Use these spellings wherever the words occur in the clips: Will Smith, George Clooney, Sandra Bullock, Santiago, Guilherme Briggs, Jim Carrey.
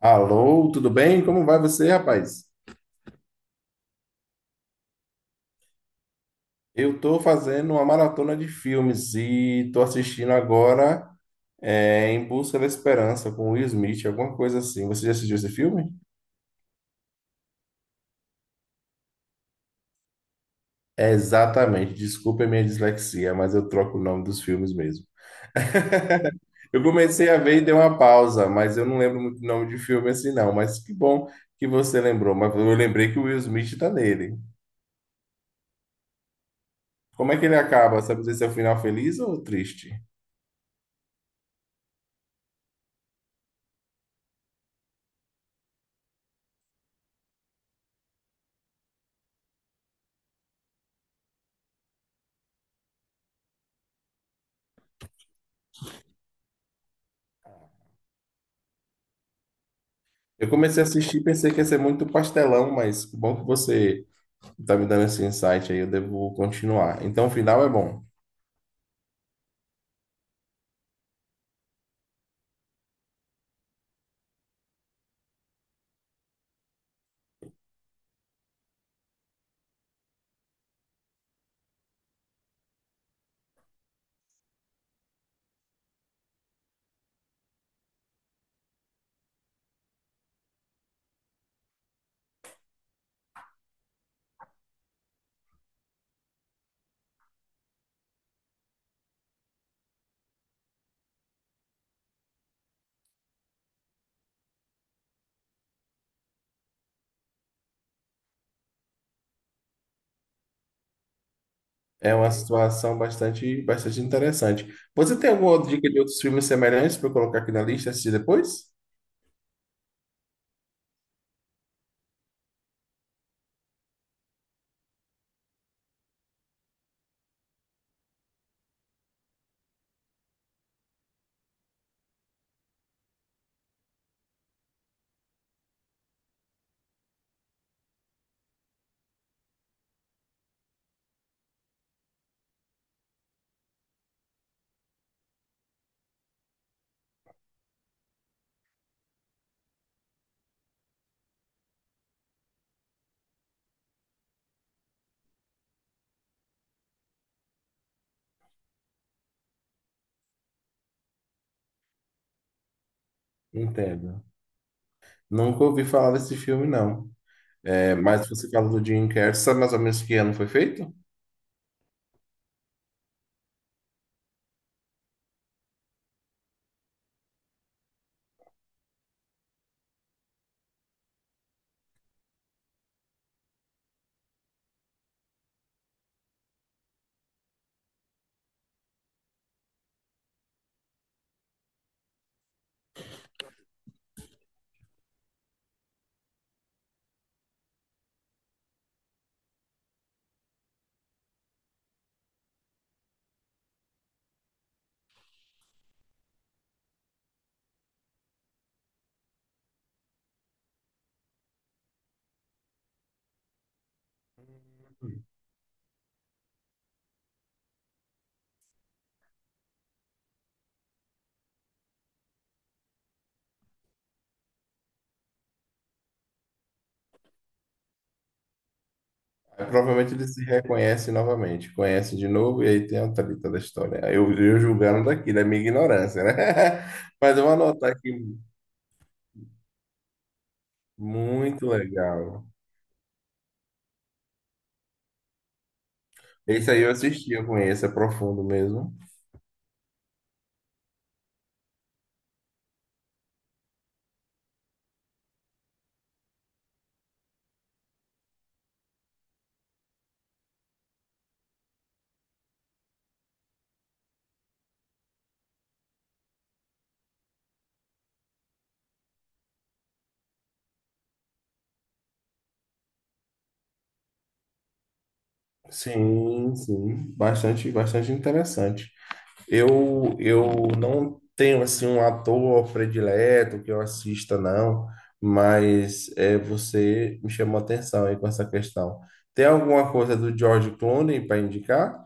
Alô, tudo bem? Como vai você, rapaz? Eu tô fazendo uma maratona de filmes e tô assistindo agora Em Busca da Esperança com Will Smith, alguma coisa assim. Você já assistiu esse filme? É, exatamente. Desculpa a minha dislexia, mas eu troco o nome dos filmes mesmo. Eu comecei a ver e dei uma pausa, mas eu não lembro muito o nome de filme assim não. Mas que bom que você lembrou. Mas eu lembrei que o Will Smith tá nele. Como é que ele acaba? Sabe dizer se é o final feliz ou triste? Eu comecei a assistir e pensei que ia ser muito pastelão, mas que bom que você está me dando esse insight aí, eu devo continuar. Então, o final é bom. É uma situação bastante, bastante interessante. Você tem alguma outra dica de outros filmes semelhantes para eu colocar aqui na lista e assistir depois? Entendo. Nunca ouvi falar desse filme, não. É, mas você fala do Jim Carrey, sabe mais ou menos que ano foi feito? Aí, provavelmente ele se reconhece novamente, conhece de novo e aí tem a treta da história. Aí eu julgando daqui, da minha ignorância, né? Mas eu vou anotar aqui, muito legal. Esse aí eu assisti, eu conheço, é profundo mesmo. Sim, sim, bastante, bastante interessante. Eu não tenho assim um ator predileto que eu assista, não, mas é, você me chamou a atenção aí com essa questão. Tem alguma coisa do George Clooney para indicar?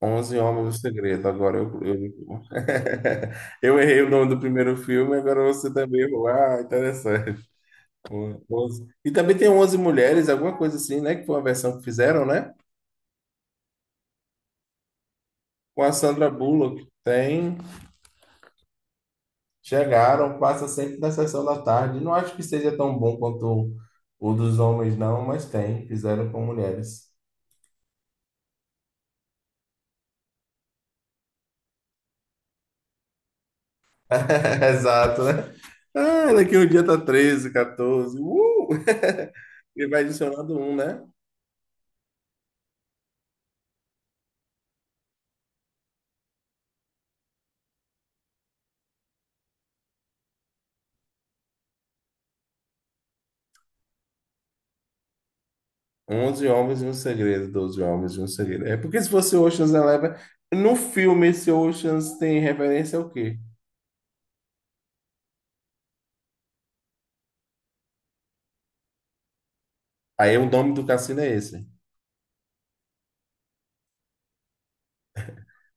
Onze Homens do Segredo. Agora eu errei o nome do primeiro filme, agora você também errou. Ah, 11. E também tem 11 mulheres, alguma coisa assim, né? Que foi uma versão que fizeram, né? Com a Sandra Bullock. Tem. Chegaram, passa sempre na sessão da tarde. Não acho que seja tão bom quanto o dos homens, não, mas tem. Fizeram com mulheres. Exato, né? Ah, daqui um dia tá 13 14. E vai adicionando um, né? Onze homens e um segredo, 12 homens e um segredo. É porque se fosse Ocean's Eleven, no filme esse Ocean's tem referência ao quê? Aí o nome do cassino é esse.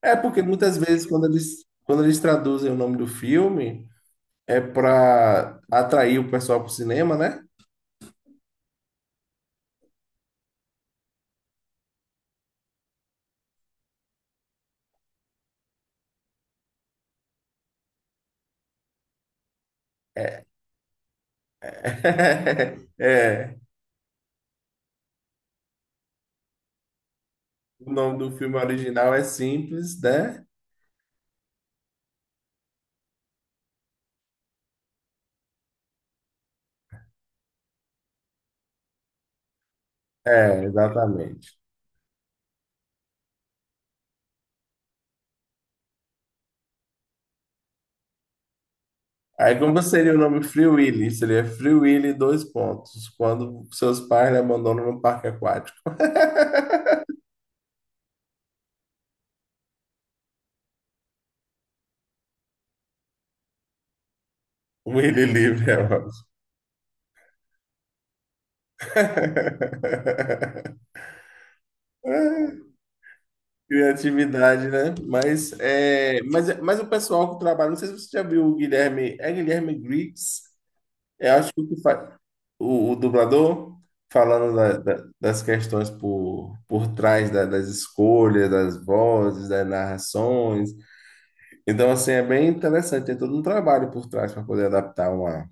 É porque muitas vezes quando eles traduzem o nome do filme é para atrair o pessoal para o cinema, né? É, o nome do filme original é simples, né? É, exatamente. Aí como seria o nome Free Willy? Seria Free Willy dois pontos, quando seus pais lhe abandonam no parque aquático. Willy livre é ótimo. Criatividade, né? Mas o pessoal que trabalha, não sei se você já viu o Guilherme, é Guilherme Briggs, eu acho que o que faz, o dublador falando das questões por trás das escolhas, das vozes, das narrações. Então, assim, é bem interessante, tem todo um trabalho por trás para poder adaptar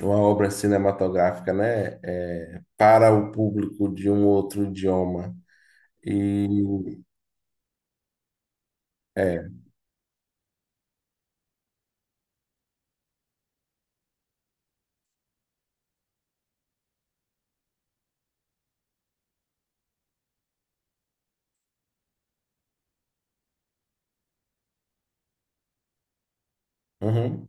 uma obra cinematográfica, né? É, para o público de um outro idioma. E, uhum,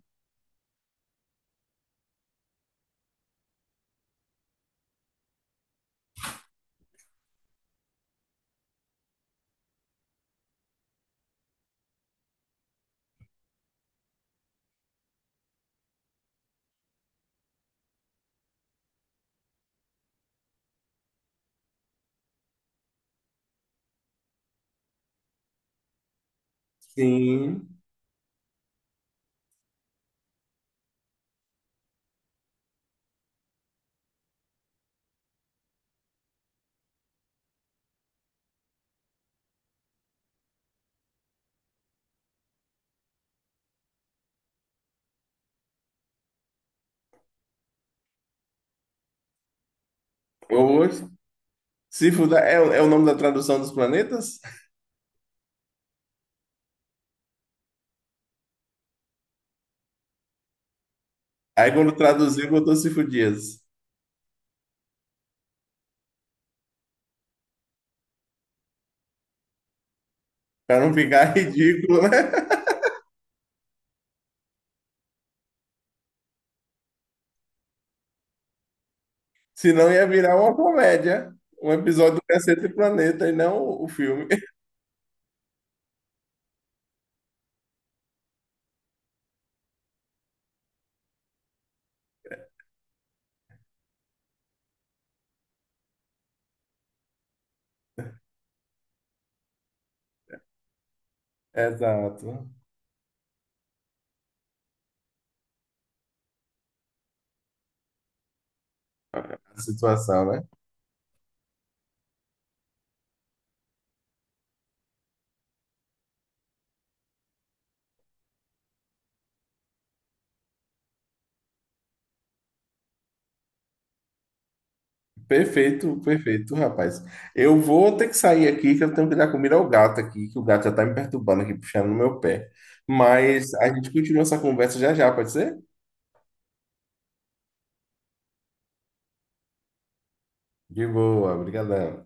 sim. Ou Sífida é, o- é o nome da tradução dos planetas? Aí quando traduziu, botou Sífo Dias. Pra não ficar ridículo, né? Senão ia virar uma comédia. Um episódio do Cacete Planeta e não o filme. Exato. A situação, né? Perfeito, perfeito, rapaz. Eu vou ter que sair aqui, que eu tenho que dar comida ao gato aqui, que o gato já tá me perturbando aqui, puxando no meu pé. Mas a gente continua essa conversa já já, pode ser? De boa, brigadão.